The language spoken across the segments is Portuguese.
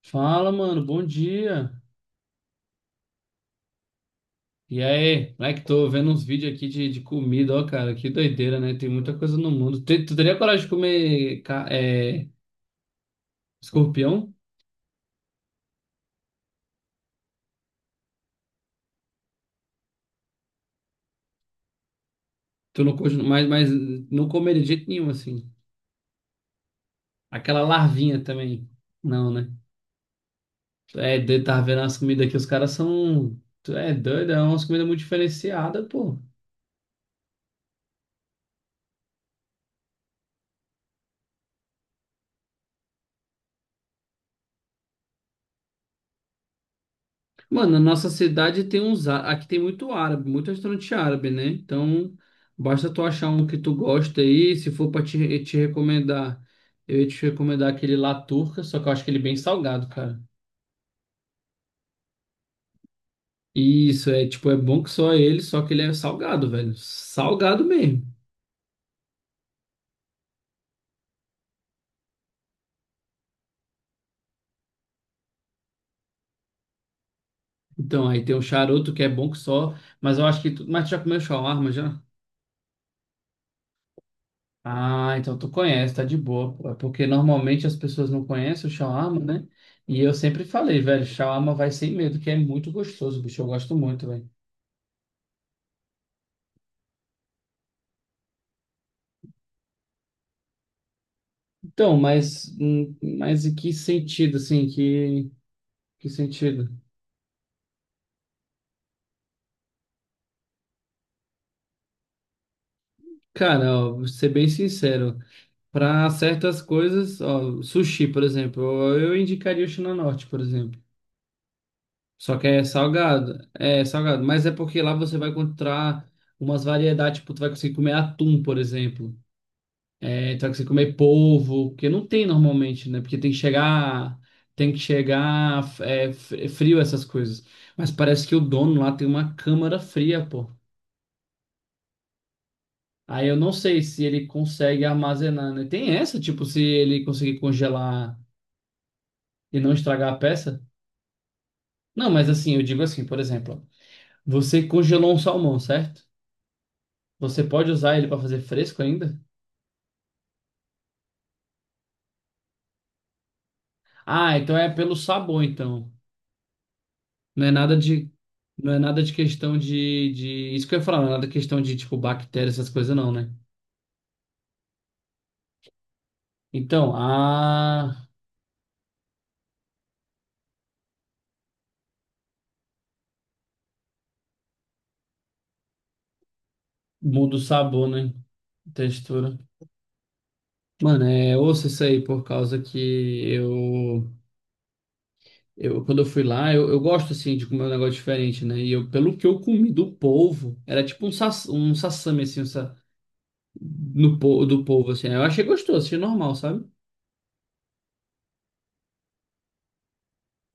Fala, mano, bom dia. E aí, moleque, tô vendo uns vídeos aqui de comida, ó, cara, que doideira, né? Tem muita coisa no mundo. Tu teria coragem de comer escorpião? Tu não, mas não comeria de jeito nenhum, assim. Aquela larvinha também. Não, né? Tu É, de tava vendo as comidas aqui, os caras são. Tu é doido, é umas comidas muito diferenciadas, pô. Mano, a nossa cidade tem uns. Aqui tem muito árabe, muito restaurante árabe, né? Então, basta tu achar um que tu gosta aí. Se for pra te recomendar, eu ia te recomendar aquele lá Turca, só que eu acho que ele é bem salgado, cara. Isso, é tipo, é bom que só ele, só que ele é salgado, velho. Salgado mesmo. Então, aí tem um charuto que é bom que só. Mas eu acho que. Tu, mas tu já comeu shawarma já? Ah, então tu conhece, tá de boa, pô. É porque normalmente as pessoas não conhecem o shawarma, né? E eu sempre falei, velho, shawarma vai sem medo, que é muito gostoso, bicho, eu gosto muito, velho. Então, mas em que sentido, assim, que sentido? Cara, ó, vou ser bem sincero, para certas coisas, ó, sushi, por exemplo, eu indicaria o China Norte, por exemplo. Só que é salgado, mas é porque lá você vai encontrar umas variedades, tipo, tu vai conseguir comer atum, por exemplo. É, então, que você comer polvo, porque não tem normalmente, né? Porque tem que chegar, é frio essas coisas. Mas parece que o dono lá tem uma câmara fria, pô. Aí eu não sei se ele consegue armazenar, né? Tem essa, tipo, se ele conseguir congelar e não estragar a peça? Não, mas assim, eu digo assim, por exemplo, ó, você congelou um salmão, certo? Você pode usar ele para fazer fresco ainda? Ah, então é pelo sabor, então. Não é nada de, não é nada de questão de, isso que eu ia falar, não é nada de questão de, tipo, bactéria, essas coisas não, né? Então, ah, muda o sabor, né? Textura. Mano, ouça isso aí, por causa que eu, eu quando eu fui lá, eu gosto, assim, de comer um negócio diferente, né? E eu, pelo que eu comi do polvo, era tipo um, um sassame, assim, um sa, no, po- do polvo, assim. Eu achei gostoso, achei normal, sabe?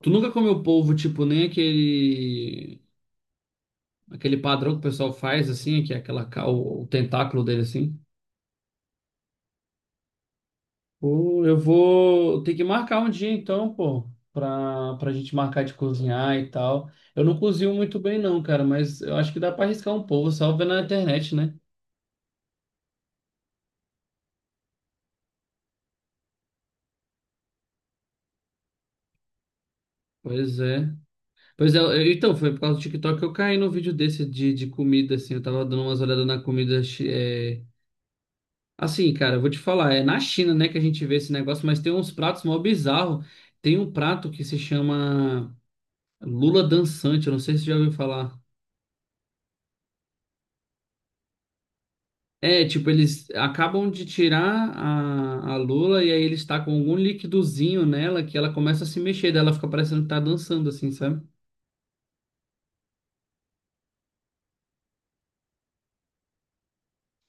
Tu nunca comeu polvo, tipo, nem aquele padrão que o pessoal faz, assim, que é aquela, o tentáculo dele, assim. Pô, eu vou ter que marcar um dia, então, pô, pra gente marcar de cozinhar e tal. Eu não cozinho muito bem, não, cara, mas eu acho que dá pra arriscar um pouco, só vendo na internet, né? Pois é. Pois é, então, foi por causa do TikTok que eu caí num vídeo desse de comida, assim. Eu tava dando umas olhadas na comida. Assim, cara, eu vou te falar, é na China, né, que a gente vê esse negócio, mas tem uns pratos mó bizarro. Tem um prato que se chama Lula Dançante, eu não sei se você já ouviu falar. É, tipo, eles acabam de tirar a lula e aí ele está com algum liquidozinho nela que ela começa a se mexer, daí ela fica parecendo que tá dançando, assim, sabe?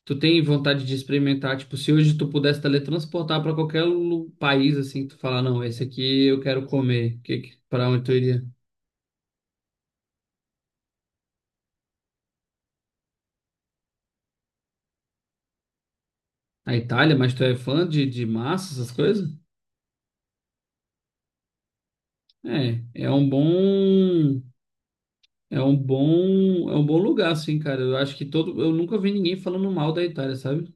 Tu tem vontade de experimentar, tipo, se hoje tu pudesse teletransportar para qualquer país, assim, tu falar, não, esse aqui eu quero comer, pra onde tu iria? A Itália, mas tu é fã de massa, essas coisas? É, é um bom. É um bom, é um bom lugar, assim, cara. Eu acho que todo, eu nunca vi ninguém falando mal da Itália, sabe?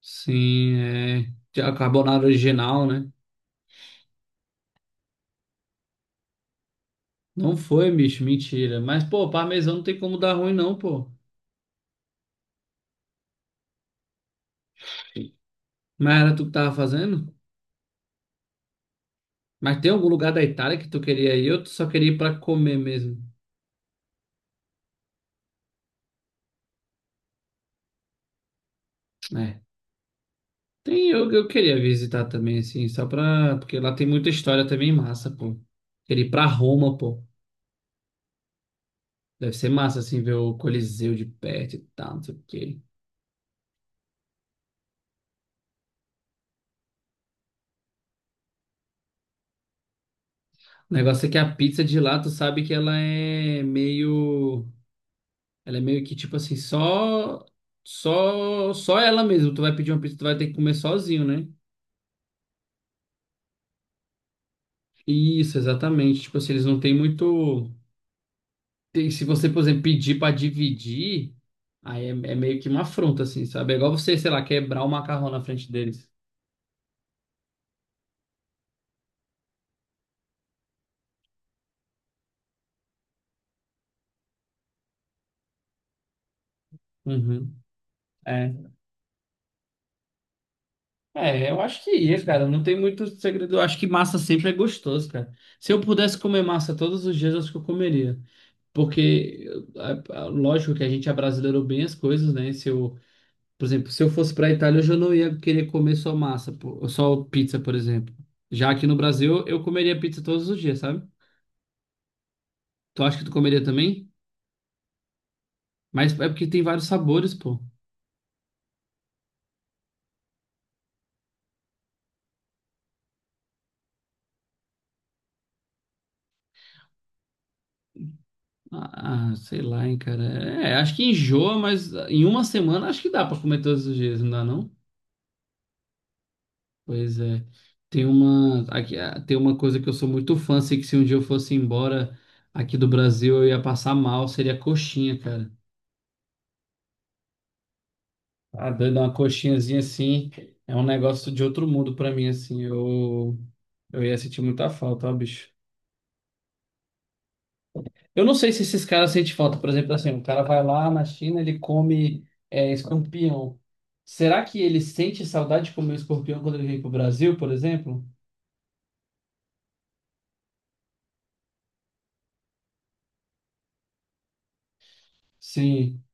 Sim, é a carbonara original, né? Não foi, bicho, mentira. Mas pô, parmesão não tem como dar ruim não, pô. Mas era tu que tava fazendo? Mas tem algum lugar da Itália que tu queria ir? Eu só queria ir pra comer mesmo. É. Eu queria visitar também, assim, só pra. Porque lá tem muita história também massa, pô. Queria ir pra Roma, pô. Deve ser massa, assim, ver o Coliseu de perto e tal, não sei o quê. O negócio é que a pizza de lá, tu sabe que ela é meio. Ela é meio que tipo assim, só. Só ela mesmo. Tu vai pedir uma pizza, tu vai ter que comer sozinho, né? Isso, exatamente. Tipo assim, eles não têm muito. Se você, por exemplo, pedir pra dividir, aí é meio que uma afronta, assim, sabe? É igual você, sei lá, quebrar o macarrão na frente deles. Uhum. É. É, eu acho que ia, cara. Não tem muito segredo. Eu acho que massa sempre é gostoso, cara. Se eu pudesse comer massa todos os dias, eu acho que eu comeria, porque lógico que a gente abrasileirou bem as coisas, né? Se eu, por exemplo, se eu fosse para a Itália, eu já não ia querer comer só massa, pô, só pizza, por exemplo. Já aqui no Brasil, eu comeria pizza todos os dias, sabe? Tu acha que tu comeria também? Mas é porque tem vários sabores, pô. Ah, sei lá, hein, cara. É, acho que enjoa, mas em uma semana acho que dá para comer todos os dias, não dá, não? Pois é. Tem uma coisa que eu sou muito fã, assim, que se um dia eu fosse embora aqui do Brasil, eu ia passar mal, seria coxinha, cara. Ah, doido, é uma coxinhazinha assim, é um negócio de outro mundo pra mim, assim. Eu ia sentir muita falta, ó, bicho. Eu não sei se esses caras sentem falta, por exemplo, assim, o cara vai lá na China, ele come escorpião. Será que ele sente saudade de comer escorpião quando ele vem pro Brasil, por exemplo? Sim.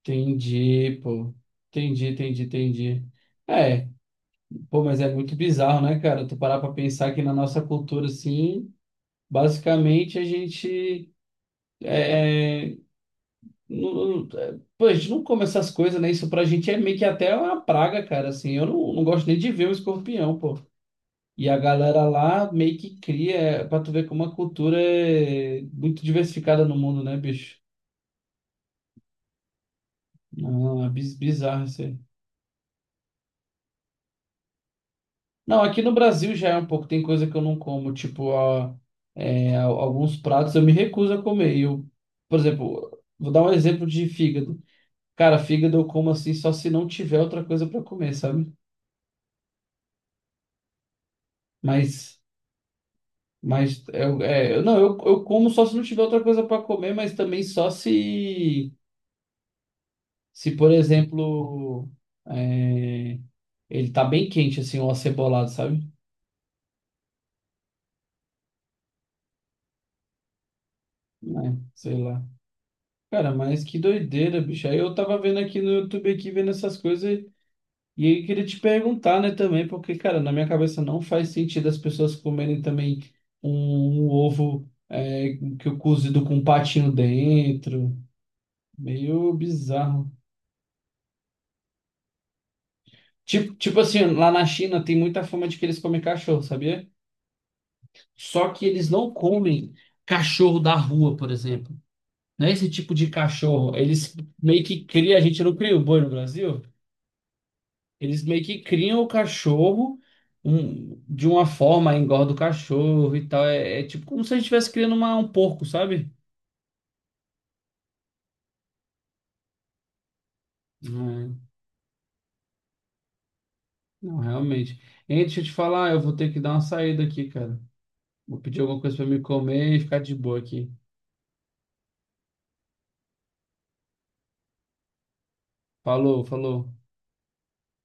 Entendi, pô. Entendi, entendi, entendi. É, pô, mas é muito bizarro, né, cara? Tu parar pra pensar que na nossa cultura, assim, basicamente a gente. Não, é, pô, a gente não come essas coisas, né? Isso pra gente é meio que até uma praga, cara, assim. Eu não gosto nem de ver um escorpião, pô. E a galera lá meio que cria, pra tu ver como a cultura é muito diversificada no mundo, né, bicho? Não, é bizarro isso aí. Não, aqui no Brasil já é um pouco, tem coisa que eu não como, tipo, alguns pratos eu me recuso a comer. E eu, por exemplo, vou dar um exemplo de fígado. Cara, fígado eu como assim só se não tiver outra coisa pra comer, sabe? Mas, mas não, eu como só se não tiver outra coisa pra comer, mas também só se por exemplo, é, ele tá bem quente, assim, ou acebolado, sabe? É, sei lá. Cara, mas que doideira, bicho. Aí eu tava vendo aqui no YouTube, aqui, vendo essas coisas, e aí queria te perguntar, né, também, porque, cara, na minha cabeça não faz sentido as pessoas comerem também um ovo é, que eu cozido com um patinho dentro. Meio bizarro. Tipo, assim, lá na China tem muita fama de que eles comem cachorro, sabia? Só que eles não comem cachorro da rua, por exemplo. Não é esse tipo de cachorro. Eles meio que criam, a gente não cria o boi no Brasil? Eles meio que criam o cachorro de uma forma, engorda o cachorro e tal. É, é tipo como se a gente estivesse criando um porco, sabe? É, não, realmente. Hein, deixa eu te falar, eu vou ter que dar uma saída aqui, cara. Vou pedir alguma coisa pra me comer e ficar de boa aqui. Falou, falou.